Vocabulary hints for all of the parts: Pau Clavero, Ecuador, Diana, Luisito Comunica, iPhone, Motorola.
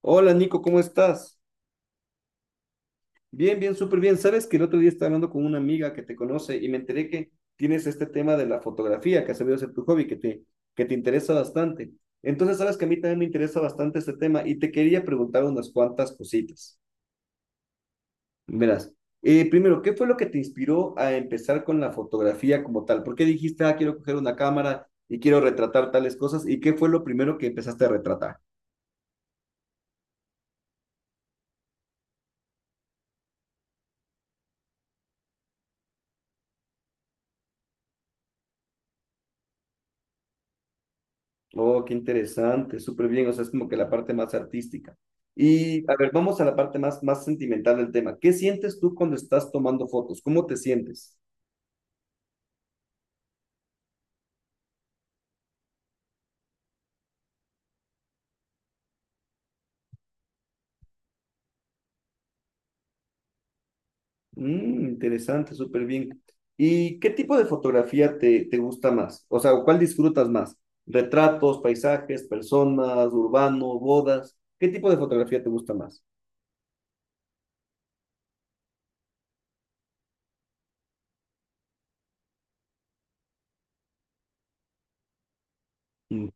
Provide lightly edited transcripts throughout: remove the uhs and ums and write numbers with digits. Hola Nico, ¿cómo estás? Bien, bien, súper bien. Sabes que el otro día estaba hablando con una amiga que te conoce y me enteré que tienes este tema de la fotografía, que has sabido ser tu hobby, que te interesa bastante. Entonces, sabes que a mí también me interesa bastante este tema y te quería preguntar unas cuantas cositas. Verás, primero, ¿qué fue lo que te inspiró a empezar con la fotografía como tal? ¿Por qué dijiste, ah, quiero coger una cámara y quiero retratar tales cosas? ¿Y qué fue lo primero que empezaste a retratar? Oh, qué interesante, súper bien, o sea, es como que la parte más artística. Y a ver, vamos a la parte más, más sentimental del tema. ¿Qué sientes tú cuando estás tomando fotos? ¿Cómo te sientes? Interesante, súper bien. ¿Y qué tipo de fotografía te gusta más? O sea, ¿cuál disfrutas más? ¿Retratos, paisajes, personas, urbano, bodas? ¿Qué tipo de fotografía te gusta más? Mm.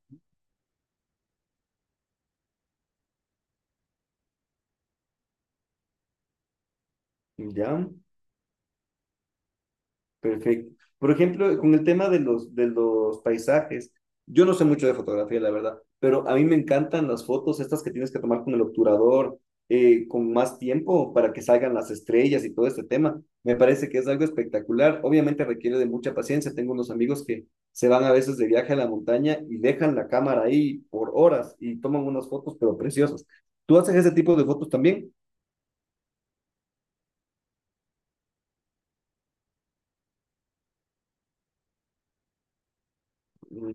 ¿Ya? Perfecto. Por ejemplo, con el tema de los paisajes, yo no sé mucho de fotografía, la verdad, pero a mí me encantan las fotos estas que tienes que tomar con el obturador, con más tiempo para que salgan las estrellas y todo este tema. Me parece que es algo espectacular. Obviamente requiere de mucha paciencia. Tengo unos amigos que se van a veces de viaje a la montaña y dejan la cámara ahí por horas y toman unas fotos, pero preciosas. ¿Tú haces ese tipo de fotos también? Mm.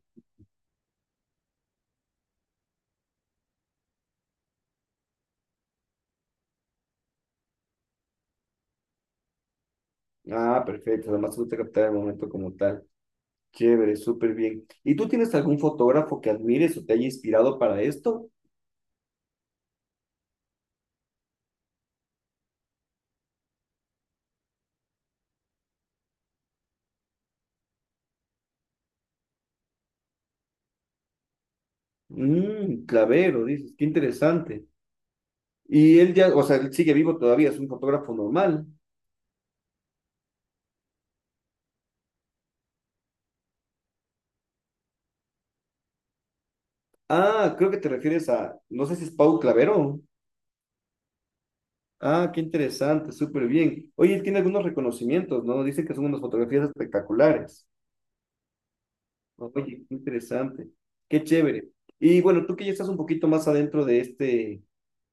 Ah, perfecto. Además, tú te captar el momento como tal. Chévere, súper bien. ¿Y tú tienes algún fotógrafo que admires o te haya inspirado para esto? Clavero, dices, qué interesante. Y él ya, o sea, él sigue vivo todavía, es un fotógrafo normal. Ah, creo que te refieres a, no sé si es Pau Clavero. Ah, qué interesante, súper bien. Oye, él tiene algunos reconocimientos, ¿no? Dicen que son unas fotografías espectaculares. Oye, qué interesante, qué chévere. Y bueno, tú que ya estás un poquito más adentro de este,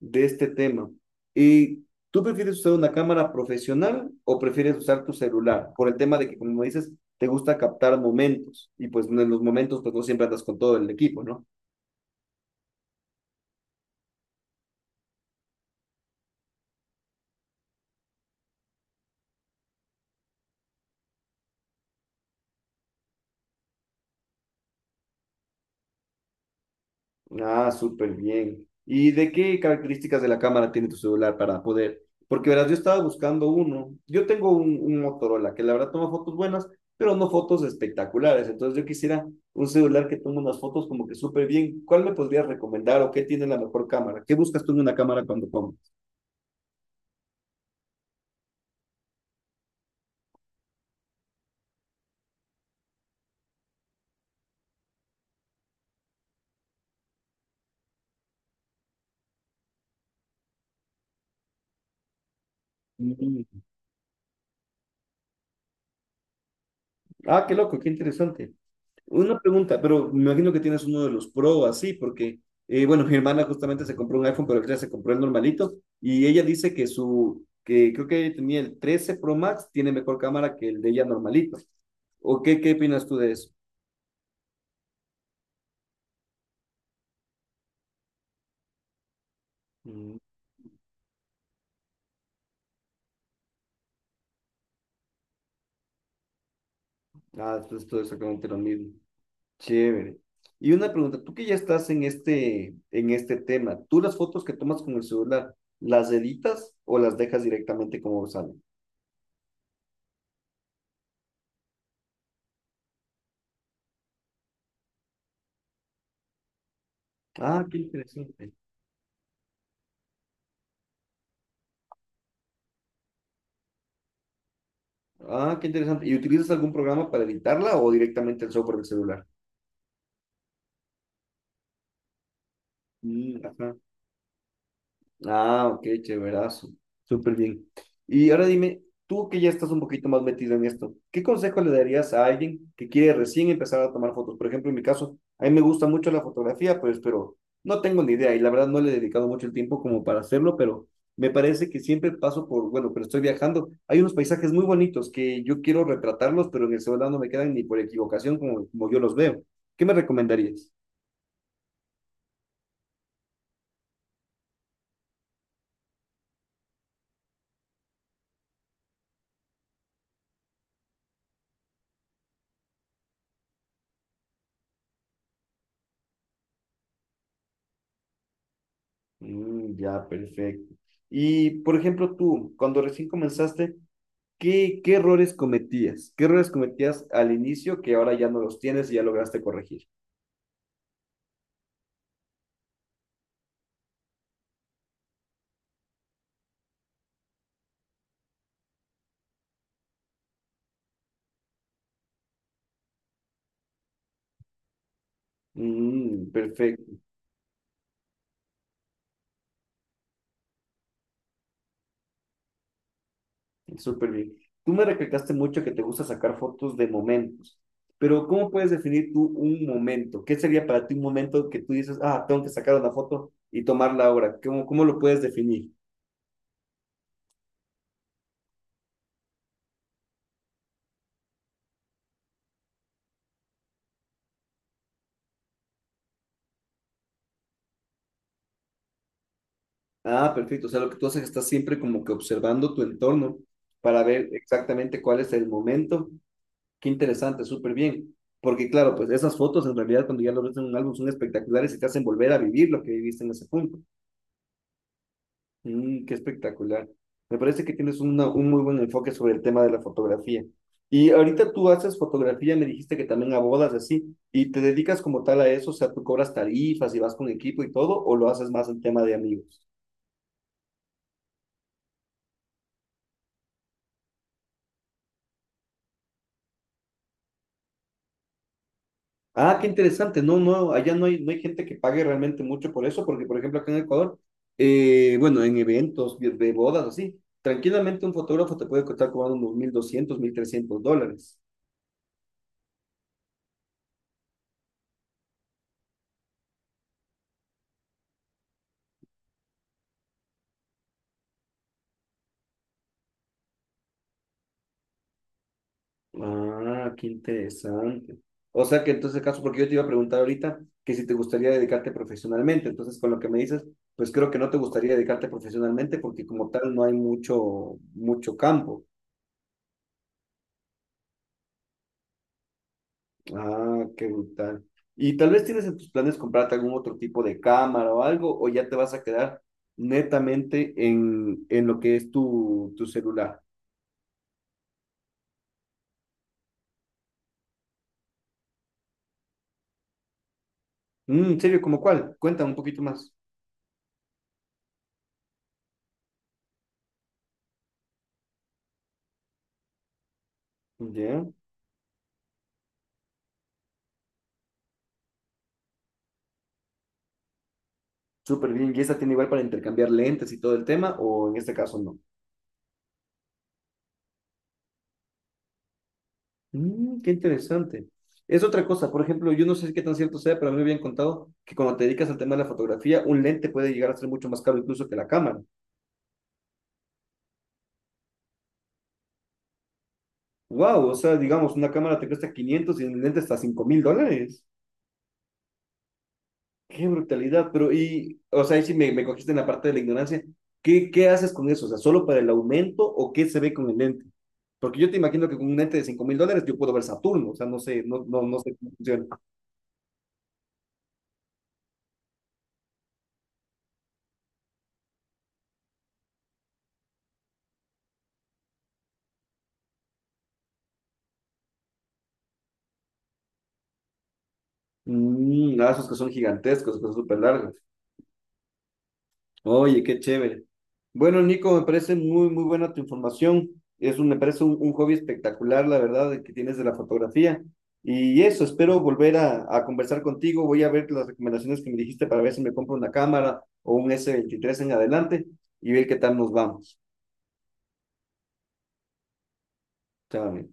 de este tema, ¿y tú prefieres usar una cámara profesional o prefieres usar tu celular? Por el tema de que, como dices, te gusta captar momentos y pues en los momentos pues no siempre andas con todo el equipo, ¿no? Ah, súper bien. ¿Y de qué características de la cámara tiene tu celular para poder? Porque verás, yo estaba buscando uno. Yo tengo un Motorola que la verdad toma fotos buenas, pero no fotos espectaculares. Entonces yo quisiera un celular que tome unas fotos como que súper bien. ¿Cuál me podrías recomendar o qué tiene la mejor cámara? ¿Qué buscas tú en una cámara cuando compras? Mm. Ah, qué loco, qué interesante. Una pregunta, pero me imagino que tienes uno de los Pro así, porque, bueno, mi hermana justamente se compró un iPhone, pero ella se compró el normalito, y ella dice que creo que tenía el 13 Pro Max, tiene mejor cámara que el de ella normalito. ¿O qué opinas tú de eso? Mm. Ah, esto es todo exactamente lo mismo. Chévere. Y una pregunta, tú que ya estás en este tema, ¿tú las fotos que tomas con el celular, las editas o las dejas directamente como salen? Ah, qué interesante. Ah, qué interesante. ¿Y utilizas algún programa para editarla o directamente el software del celular? Mm. Ajá. Ah, ok, chéverazo. Súper bien. Y ahora dime, tú que ya estás un poquito más metido en esto, ¿qué consejo le darías a alguien que quiere recién empezar a tomar fotos? Por ejemplo, en mi caso, a mí me gusta mucho la fotografía, pues, pero no tengo ni idea y la verdad no le he dedicado mucho el tiempo como para hacerlo, pero me parece que siempre paso por, bueno, pero estoy viajando. Hay unos paisajes muy bonitos que yo quiero retratarlos, pero en el celular no me quedan ni por equivocación como yo los veo. ¿Qué me recomendarías? Mm, ya, perfecto. Y, por ejemplo, tú, cuando recién comenzaste, ¿qué errores cometías? ¿Qué errores cometías al inicio que ahora ya no los tienes y ya lograste corregir? Mm, perfecto, súper bien. Tú me recalcaste mucho que te gusta sacar fotos de momentos, pero ¿cómo puedes definir tú un momento? ¿Qué sería para ti un momento que tú dices, ah, tengo que sacar una foto y tomarla ahora? ¿Cómo lo puedes definir? Ah, perfecto. O sea, lo que tú haces es que estás siempre como que observando tu entorno para ver exactamente cuál es el momento. Qué interesante, súper bien. Porque claro, pues esas fotos en realidad cuando ya lo ves en un álbum son espectaculares y te hacen volver a vivir lo que viviste en ese punto. Qué espectacular. Me parece que tienes un muy buen enfoque sobre el tema de la fotografía. Y ahorita tú haces fotografía, me dijiste que también a bodas así, y te dedicas como tal a eso, o sea, tú cobras tarifas y vas con equipo y todo, o lo haces más en tema de amigos. Ah, qué interesante. No, no, allá no hay gente que pague realmente mucho por eso, porque por ejemplo acá en Ecuador, bueno, en eventos de bodas así, tranquilamente un fotógrafo te puede costar cobrando unos 1.200, $1.300. Ah, qué interesante. O sea que entonces caso, porque yo te iba a preguntar ahorita que si te gustaría dedicarte profesionalmente, entonces con lo que me dices, pues creo que no te gustaría dedicarte profesionalmente porque como tal no hay mucho, mucho campo. Ah, qué brutal. ¿Y tal vez tienes en tus planes comprarte algún otro tipo de cámara o algo, o ya te vas a quedar netamente en lo que es tu celular? ¿En serio? ¿Cómo cuál? Cuéntame un poquito más. Ya, súper bien. ¿Y esta tiene igual para intercambiar lentes y todo el tema, o en este caso no? Qué interesante. Es otra cosa, por ejemplo, yo no sé qué tan cierto sea, pero a mí me habían contado que cuando te dedicas al tema de la fotografía, un lente puede llegar a ser mucho más caro incluso que la cámara. Wow, o sea, digamos, una cámara te cuesta 500 y un lente hasta $5.000. Qué brutalidad, pero y, o sea, ahí sí me cogiste en la parte de la ignorancia. ¿Qué haces con eso? O sea, ¿solo para el aumento o qué se ve con el lente? Porque yo te imagino que con un lente de $5.000 yo puedo ver Saturno, o sea, no sé, no, no, no sé cómo funciona. Ah, esos que son gigantescos, que son súper largos. Oye, qué chévere. Bueno, Nico, me parece muy, muy buena tu información. Me parece un hobby espectacular, la verdad, que tienes de la fotografía. Y eso, espero volver a conversar contigo. Voy a ver las recomendaciones que me dijiste para ver si me compro una cámara o un S23 en adelante y ver qué tal nos vamos. Chao, amigo.